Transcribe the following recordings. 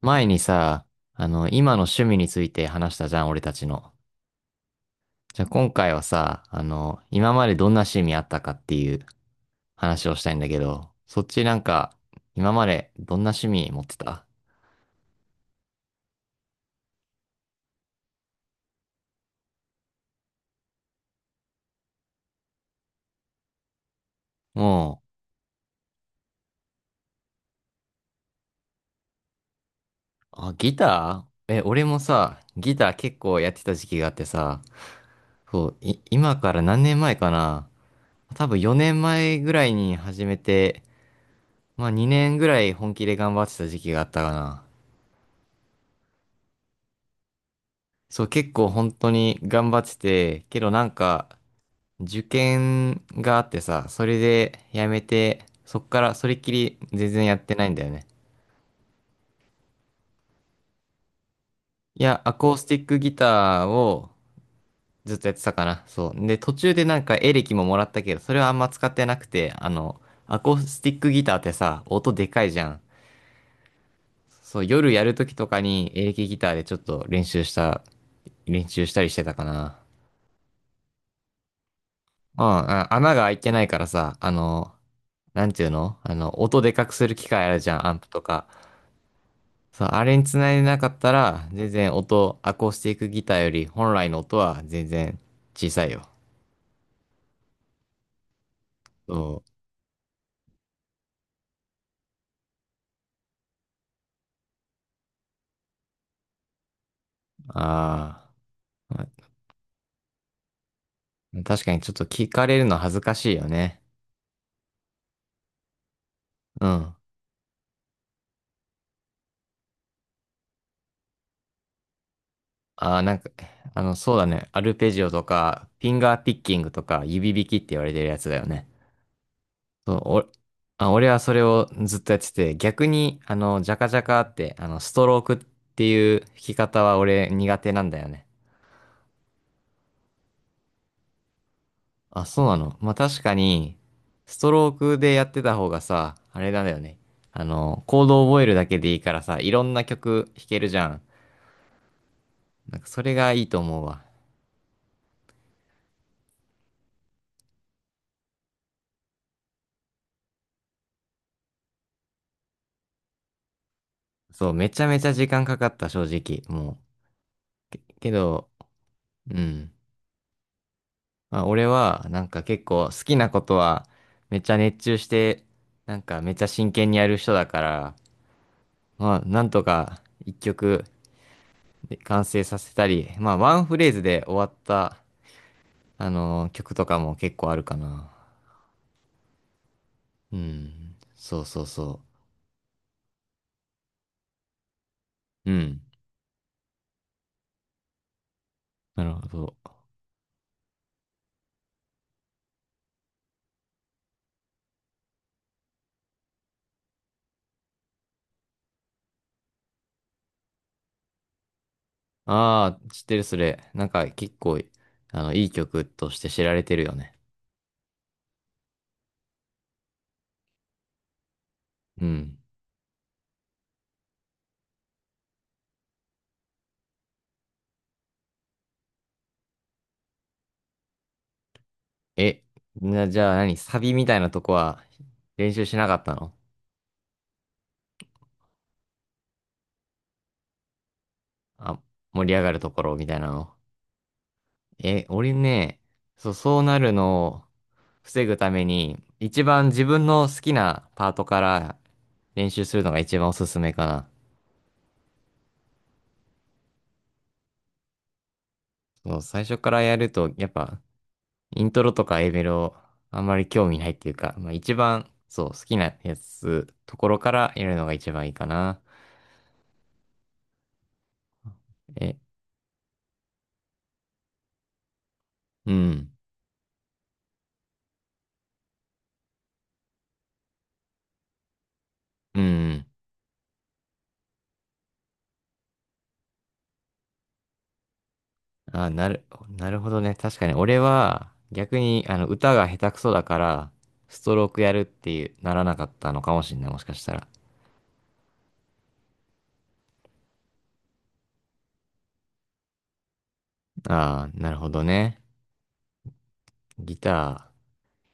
前にさ、今の趣味について話したじゃん、俺たちの。じゃあ今回はさ、今までどんな趣味あったかっていう話をしたいんだけど、そっちなんか、今までどんな趣味持ってた？もう、あ、ギター。俺もさ、ギター結構やってた時期があってさ、そう、今から何年前かな？多分4年前ぐらいに始めて、まあ2年ぐらい本気で頑張ってた時期があったかな。そう、結構本当に頑張ってて、けどなんか、受験があってさ、それでやめて、そっからそれっきり全然やってないんだよね。いや、アコースティックギターをずっとやってたかな。そう。で、途中でなんかエレキももらったけど、それはあんま使ってなくて、アコースティックギターってさ、音でかいじゃん。そう、夜やるときとかにエレキギターでちょっと練習したりしてたかな。うん、あ穴が開いてないからさ、なんていうの、音でかくする機械あるじゃん、アンプとか。そう、あれにつないでなかったら、全然音、アコースティックギターより本来の音は全然小さいよ。そう。あー、まあ、確かにちょっと聞かれるの恥ずかしいよね。うん。ああ、なんか、そうだね。アルペジオとか、フィンガーピッキングとか、指弾きって言われてるやつだよね。そう、あ、俺はそれをずっとやってて、逆に、ジャカジャカって、ストロークっていう弾き方は俺苦手なんだよね。あ、そうなの。まあ、確かに、ストロークでやってた方がさ、あれなんだよね。コードを覚えるだけでいいからさ、いろんな曲弾けるじゃん。なんかそれがいいと思うわ。そう、めちゃめちゃ時間かかった、正直。もう。けど、うん。まあ、俺は、なんか結構好きなことは、めっちゃ熱中して、なんかめっちゃ真剣にやる人だから、まあ、なんとか一曲で完成させたり、まあ、ワンフレーズで終わった、曲とかも結構あるかな。うん。そうそうそう。うん。なるほど。ああ、知ってるそれ。なんか結構、いい曲として知られてるよね。うん。え、じゃあ何サビみたいなとこは練習しなかったの？あ、盛り上がるところみたいなの。俺ね、そう、そうなるのを防ぐために、一番自分の好きなパートから練習するのが一番おすすめかな。そう、最初からやると、やっぱ、イントロとか A メロ、あんまり興味ないっていうか、まあ一番、そう、好きなやつ、ところからやるのが一番いいかな。え、うん、うん。あ、なるほどね。確かに、俺は逆にあの歌が下手くそだから、ストロークやるっていうならなかったのかもしれない、もしかしたら。ああ、なるほどね。ギター。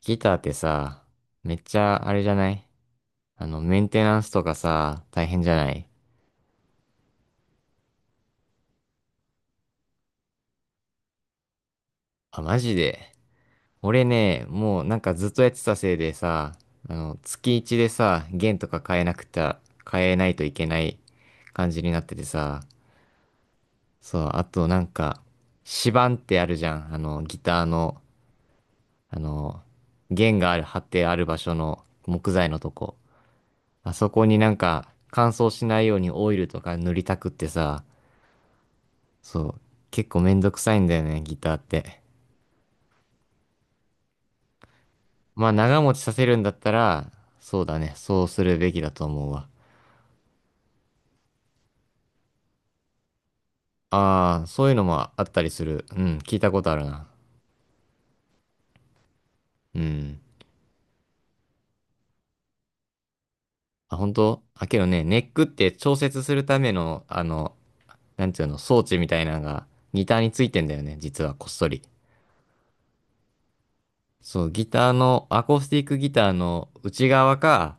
ギターってさ、めっちゃあれじゃない？メンテナンスとかさ、大変じゃない？あ、マジで。俺ね、もうなんかずっとやってたせいでさ、月一でさ、弦とか変えなくて、変えないといけない感じになっててさ、そう、あとなんか、指板ってあるじゃん。ギターの、あの、弦がある、張ってある場所の木材のとこ。あそこになんか、乾燥しないようにオイルとか塗りたくってさ、そう、結構めんどくさいんだよね、ギターって。まあ、長持ちさせるんだったら、そうだね、そうするべきだと思うわ。ああ、そういうのもあったりする。うん、聞いたことあるな。うん。あ、本当。あ、けどね、ネックって調節するための、なんていうの、装置みたいなのがギターについてんだよね、実はこっそり。そう、ギターの、アコースティックギターの内側か、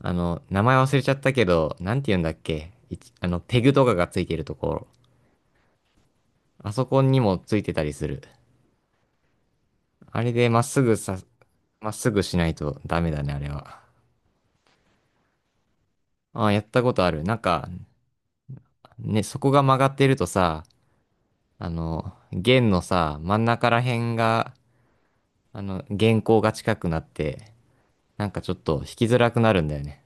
名前忘れちゃったけど、なんて言うんだっけ、ペグとかがついてるところ。あそこにもついてたりする。あれでまっすぐさ、まっすぐしないとダメだね、あれは。ああ、やったことある。なんか、ね、そこが曲がってるとさ、弦のさ、真ん中ら辺が、弦高が近くなって、なんかちょっと弾きづらくなるんだよね。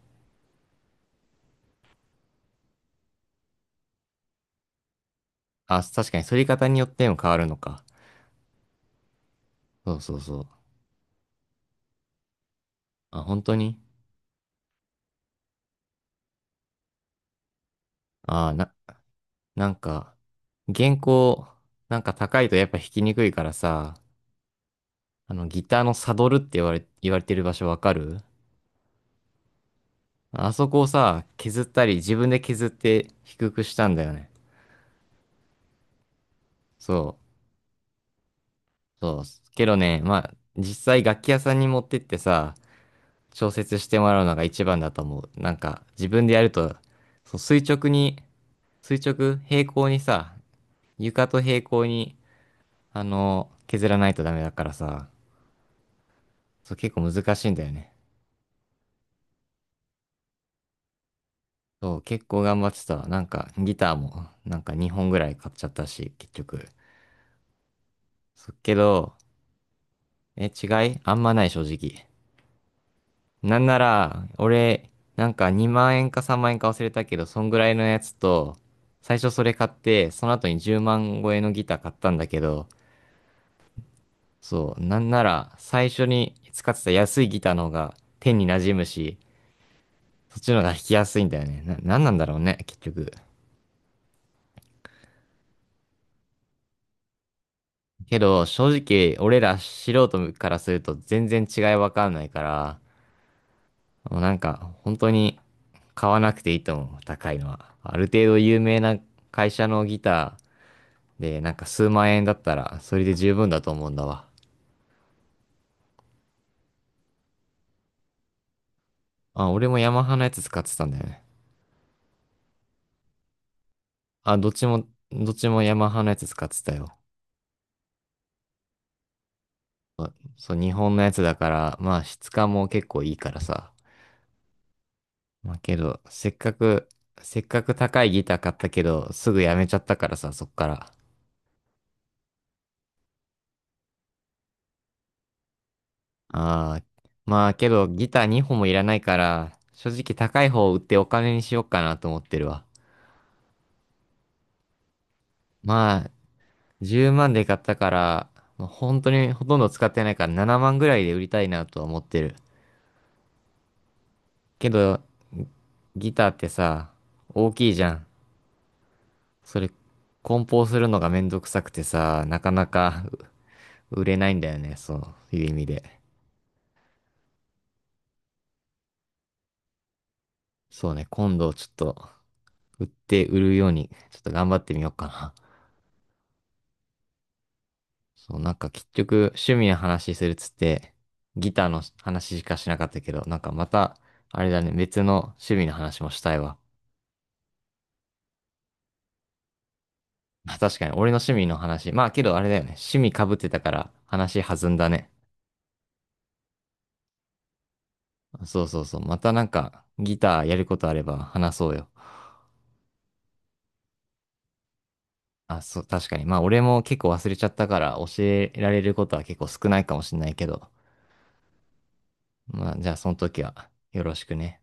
あ、確かに、反り方によっても変わるのか。そうそうそう。あ、本当に。あ、な、なんか、原稿、なんか高いとやっぱ弾きにくいからさ、ギターのサドルって言われてる場所わかる？あそこをさ、削ったり、自分で削って低くしたんだよね。そう、そう。けどね、まあ、実際楽器屋さんに持ってってさ、調節してもらうのが一番だと思う。なんか、自分でやると、そう、垂直に、垂直、平行にさ、床と平行に、削らないとダメだからさ、そう、結構難しいんだよね。そう、結構頑張ってた。なんか、ギターも、なんか2本ぐらい買っちゃったし、結局。そっけど、違いあんまない、正直。なんなら、俺、なんか2万円か3万円か忘れたけど、そんぐらいのやつと、最初それ買って、その後に10万超えのギター買ったんだけど、そう、なんなら、最初に使ってた安いギターの方が手に馴染むし、そっちの方が弾きやすいんだよね。なんなんだろうね、結局。けど、正直、俺ら素人からすると全然違いわかんないから、もうなんか、本当に買わなくていいと思う、高いのは。ある程度有名な会社のギターで、なんか数万円だったら、それで十分だと思うんだわ。あ、俺もヤマハのやつ使ってたんだよね。あ、どっちもヤマハのやつ使ってたよ。そう、日本のやつだから、まあ質感も結構いいからさ。まあけど、せっかく高いギター買ったけど、すぐやめちゃったからさ、そっから。ああ、まあけど、ギター2本もいらないから、正直高い方を売ってお金にしようかなと思ってるわ。まあ、10万で買ったから、まあ本当にほとんど使ってないから7万ぐらいで売りたいなとは思ってる。けど、ギターってさ、大きいじゃん。それ、梱包するのがめんどくさくてさ、なかなかう売れないんだよね、そういう意味で。そうね、今度ちょっと売って売るように、ちょっと頑張ってみようかな。そう、なんか結局趣味の話するっつって、ギターの話しかしなかったけど、なんかまた、あれだね、別の趣味の話もしたいわ。あ確かに、俺の趣味の話。まあけどあれだよね、趣味被ってたから話弾んだね。そうそうそう、またなんかギターやることあれば話そうよ。あ、そう、確かに。まあ俺も結構忘れちゃったから教えられることは結構少ないかもしれないけど、まあじゃあその時はよろしくね。